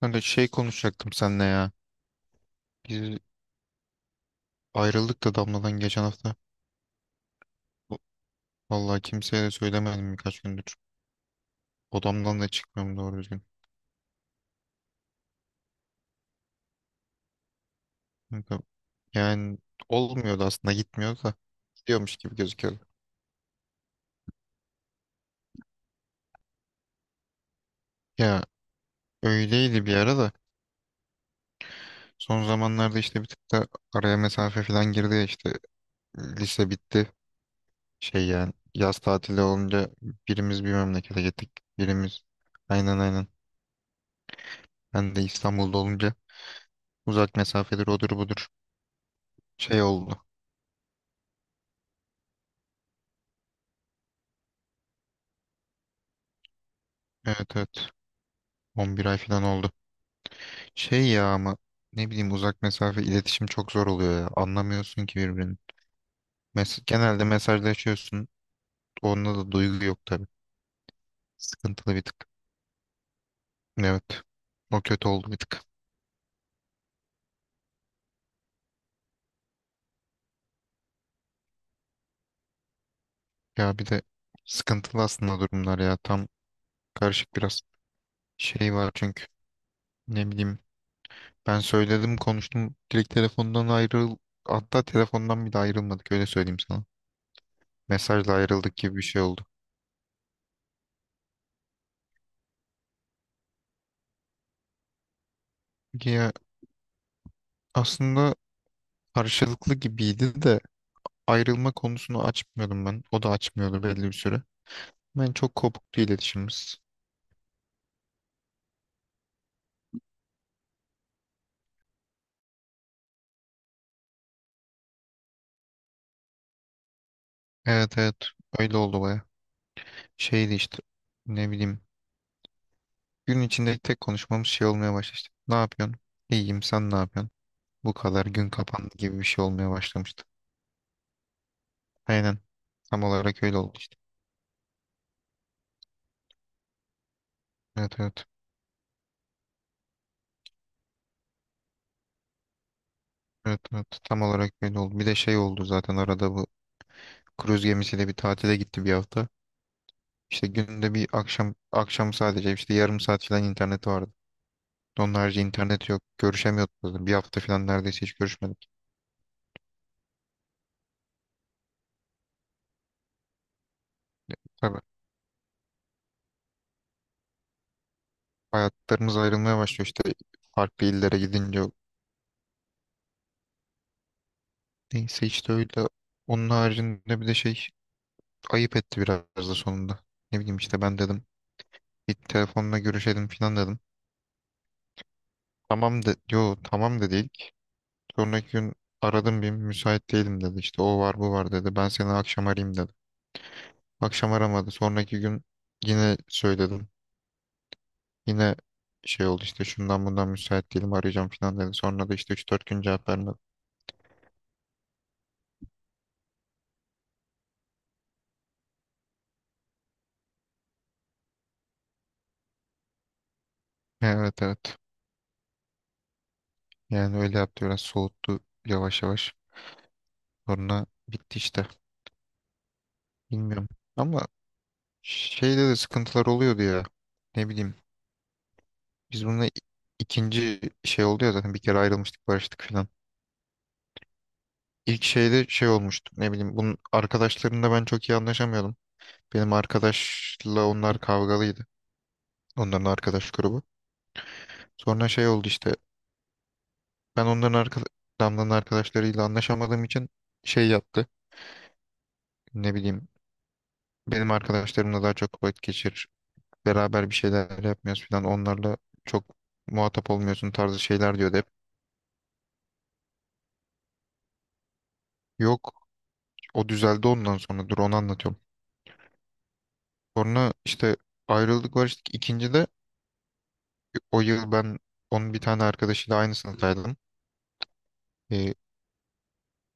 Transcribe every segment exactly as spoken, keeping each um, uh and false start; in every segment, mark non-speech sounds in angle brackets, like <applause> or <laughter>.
Kanka şey konuşacaktım seninle ya. Biz ayrıldık da Damla'dan geçen hafta. Vallahi kimseye de söylemedim birkaç gündür. Odamdan da çıkmıyorum doğru düzgün. Kanka, yani olmuyordu aslında gitmiyordu da. Gidiyormuş gibi gözüküyordu. Ya öyleydi bir ara da. Son zamanlarda işte bir tık da araya mesafe falan girdi ya işte. Lise bitti. Şey yani yaz tatili olunca birimiz bir memlekete gittik. Birimiz aynen aynen. Ben de İstanbul'da olunca uzak mesafedir odur budur şey oldu. Evet evet. on bir ay falan oldu. Şey ya ama ne bileyim uzak mesafe iletişim çok zor oluyor ya. Anlamıyorsun ki birbirini. Mes genelde mesajlaşıyorsun. Onda da duygu yok tabii. Sıkıntılı bir tık. Evet. O kötü oldu bir tık. Ya bir de sıkıntılı aslında durumlar ya. Tam karışık biraz şey var çünkü. Ne bileyim ben söyledim konuştum. Direkt telefondan ayrıl. Hatta telefondan bile ayrılmadık öyle söyleyeyim sana. Mesajla ayrıldık gibi bir şey oldu. Ya aslında karşılıklı gibiydi de ayrılma konusunu açmıyordum ben. O da açmıyordu belli bir süre. Ben çok kopuktu iletişimimiz. Evet evet, öyle oldu baya. Şeydi işte, ne bileyim, gün içinde tek konuşmamız şey olmaya başladı işte. Ne yapıyorsun? İyiyim, sen ne yapıyorsun? Bu kadar gün kapandı gibi bir şey olmaya başlamıştı. Aynen, tam olarak öyle oldu işte. Evet evet, evet evet, tam olarak öyle oldu. Bir de şey oldu zaten arada, bu kruz gemisiyle bir tatile gitti bir hafta. İşte günde bir, akşam akşam sadece işte yarım saat falan internet vardı. Onun harici internet yok. Görüşemiyorduk zaten. Bir hafta falan neredeyse hiç görüşmedik. Tabii, hayatlarımız ayrılmaya başlıyor işte, farklı illere gidince. Neyse işte öyle. Onun haricinde bir de şey ayıp etti biraz da sonunda. Ne bileyim işte ben dedim bir telefonla görüşelim falan dedim. Tamam, de yo tamam dedi ilk. Sonraki gün aradım, bir müsait değilim dedi. İşte o var bu var dedi. Ben seni akşam arayayım dedi. Akşam aramadı. Sonraki gün Yine söyledim. Yine şey oldu işte, şundan bundan müsait değilim, arayacağım falan dedi. Sonra da işte üç dört gün cevap vermedi. Evet evet. Yani öyle yaptı, biraz soğuttu yavaş yavaş. Sonra bitti işte. Bilmiyorum. Ama şeyde de sıkıntılar oluyordu ya. Ne bileyim. Biz bununla i- ikinci şey oldu ya zaten, bir kere ayrılmıştık barıştık falan. İlk şeyde şey olmuştu. Ne bileyim, bunun arkadaşlarımla ben çok iyi anlaşamıyordum. Benim arkadaşla onlar kavgalıydı. Onların arkadaş grubu. Sonra şey oldu işte. Ben onların arka, Damla'nın arkadaşlarıyla anlaşamadığım için şey yaptı. Ne bileyim, benim arkadaşlarımla daha çok vakit geçirir. Beraber bir şeyler yapmıyoruz falan. Onlarla çok muhatap olmuyorsun tarzı şeyler diyordu hep. Yok, o düzeldi ondan sonra, dur onu anlatıyorum. Sonra işte ayrıldık barıştık. İkinci de o yıl ben onun bir tane arkadaşıyla aynı sınıftaydım. Ee,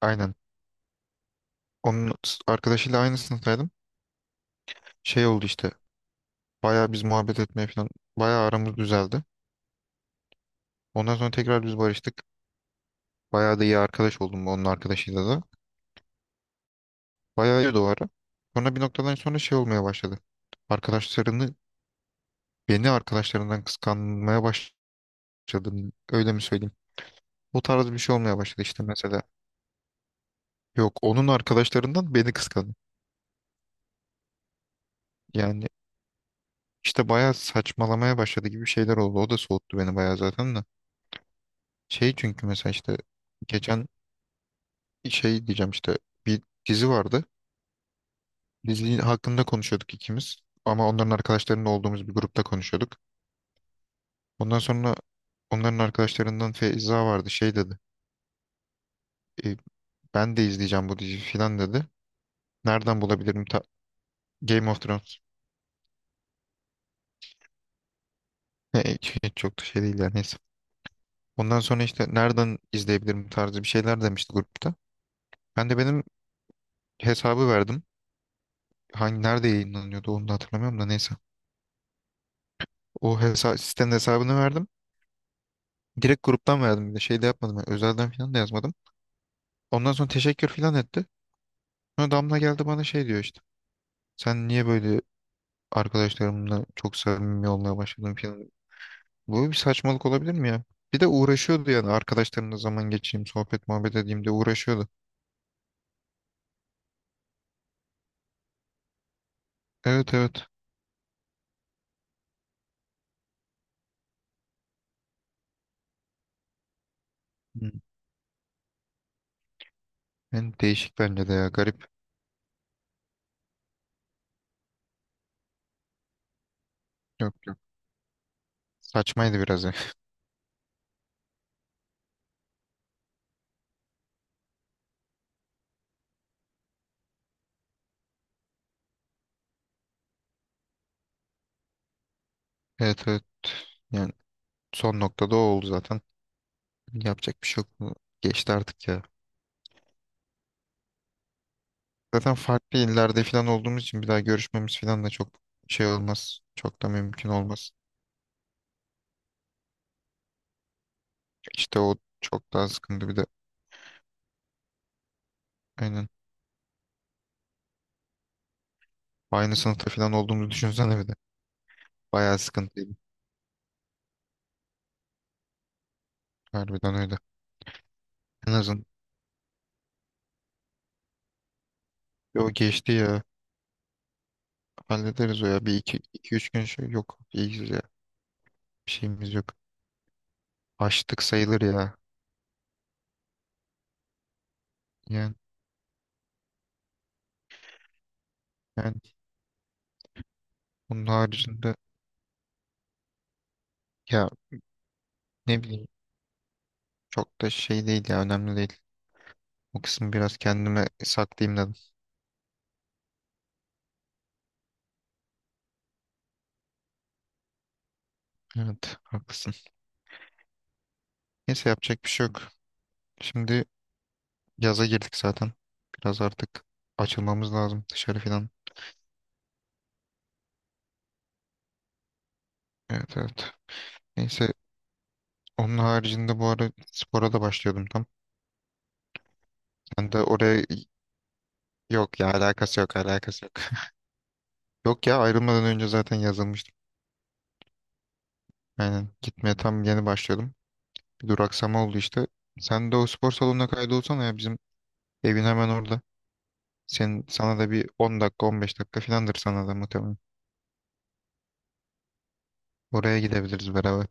aynen. Onun s- arkadaşıyla aynı sınıftaydım. Şey oldu işte. Bayağı biz muhabbet etmeye falan. Bayağı aramız düzeldi. Ondan sonra tekrar biz barıştık. Bayağı da iyi arkadaş oldum onun arkadaşıyla da. Bayağı iyi o ara. Sonra bir noktadan sonra şey olmaya başladı. Arkadaşlarını Beni arkadaşlarından kıskanmaya başladım. Öyle mi söyleyeyim? Bu tarz bir şey olmaya başladı işte mesela. Yok, onun arkadaşlarından beni kıskandı. Yani işte bayağı saçmalamaya başladı gibi şeyler oldu. O da soğuttu beni bayağı zaten de. Şey çünkü mesela işte geçen şey diyeceğim işte bir dizi vardı. Dizi hakkında konuşuyorduk ikimiz. Ama onların arkadaşlarının olduğumuz bir grupta konuşuyorduk. Ondan sonra onların arkadaşlarından Feyza vardı, şey dedi. "E, ben de izleyeceğim bu diziyi" filan dedi. Nereden bulabilirim? Ta- Game of Thrones. <laughs> E, çok da şey değil yani, neyse. Ondan sonra işte nereden izleyebilirim tarzı bir şeyler demişti grupta. Ben de benim hesabı verdim. Hangi nerede yayınlanıyordu onu da hatırlamıyorum da, neyse. O hesa Sitenin hesabını verdim. Direkt gruptan verdim, bir de şey de yapmadım, yani özelden filan da yazmadım. Ondan sonra teşekkür filan etti. Sonra Damla geldi bana şey diyor işte. Sen niye böyle arkadaşlarımla çok samimi olmaya başladım falan. Böyle bir saçmalık olabilir mi ya? Bir de uğraşıyordu yani arkadaşlarımla zaman geçireyim, sohbet muhabbet edeyim de uğraşıyordu. Evet evet. Hı. Yani değişik, bence de ya garip. Yok yok. Saçmaydı biraz ya. <laughs> Evet evet. Yani son noktada o oldu zaten. Yapacak bir şey yok. Bu Geçti artık ya. Zaten farklı illerde falan olduğumuz için bir daha görüşmemiz falan da çok şey olmaz. Çok da mümkün olmaz. İşte o çok daha sıkıntı bir de. Aynen. Aynı sınıfta falan olduğumuzu düşünsene bir de. Bayağı sıkıntıydı. Harbiden öyle. En azından o geçti ya. Hallederiz o ya. Bir iki, iki üç gün şey yok. İyiyiz ya. Bir şeyimiz yok. Açtık sayılır ya. Yani, yani bunun haricinde ya ne bileyim çok da şey değil ya. Önemli değil. O kısmı biraz kendime saklayayım dedim. Evet haklısın. Neyse yapacak bir şey yok. Şimdi yaza girdik zaten. Biraz artık açılmamız lazım dışarı falan. Evet evet. Neyse, onun haricinde bu ara spora da başlıyordum tam. Ben de oraya Yok ya, alakası yok, alakası yok. <laughs> Yok ya, ayrılmadan önce zaten yazılmıştım. Aynen, gitmeye tam yeni başlıyordum. Bir duraksama oldu işte. Sen de o spor salonuna kaydolsana ya, bizim evin hemen orada. Senin, sana da bir on dakika on beş dakika filandır sana da muhtemelen. Oraya gidebiliriz beraber.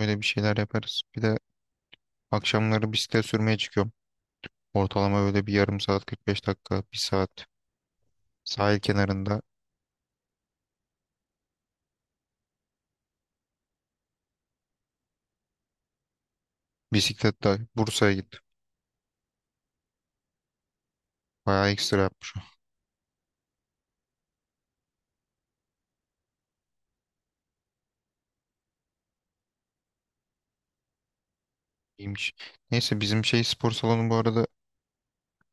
Öyle bir şeyler yaparız. Bir de akşamları bisiklet sürmeye çıkıyorum. Ortalama böyle bir yarım saat kırk beş dakika bir saat sahil kenarında bisikletle Bursa'ya gittim. Bayağı ekstra yapmış. İyiymiş. Neyse bizim şey spor salonu, bu arada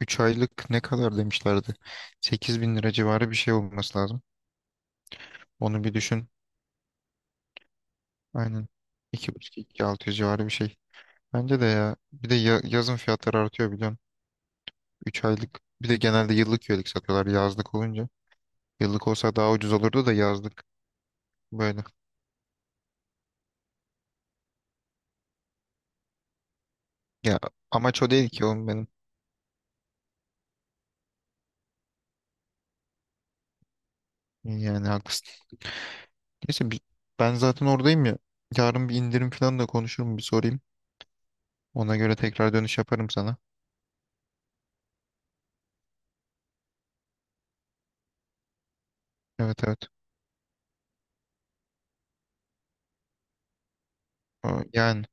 üç aylık ne kadar demişlerdi? Sekiz bin lira civarı bir şey olması lazım. Onu bir düşün. Aynen. iki iki buçuk altı yüz civarı bir şey. Bence de ya. Bir de ya- yazın fiyatları artıyor biliyorsun. Üç aylık. Bir de genelde yıllık üyelik satıyorlar yazlık olunca. Yıllık olsa daha ucuz olurdu da yazlık böyle. Ya amaç o değil ki oğlum benim. Yani haklısın. Neyse bi- Ben zaten oradayım ya. Yarın bir indirim falan da konuşurum, bir sorayım. Ona göre tekrar dönüş yaparım sana. Evet evet. O- Yani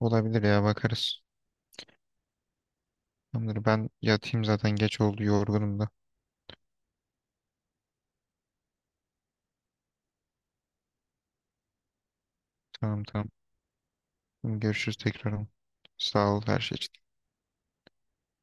olabilir ya, bakarız. Tamamdır, ben yatayım zaten geç oldu, yorgunum da. Tamam tamam. Görüşürüz tekrar. Sağ ol her şey için.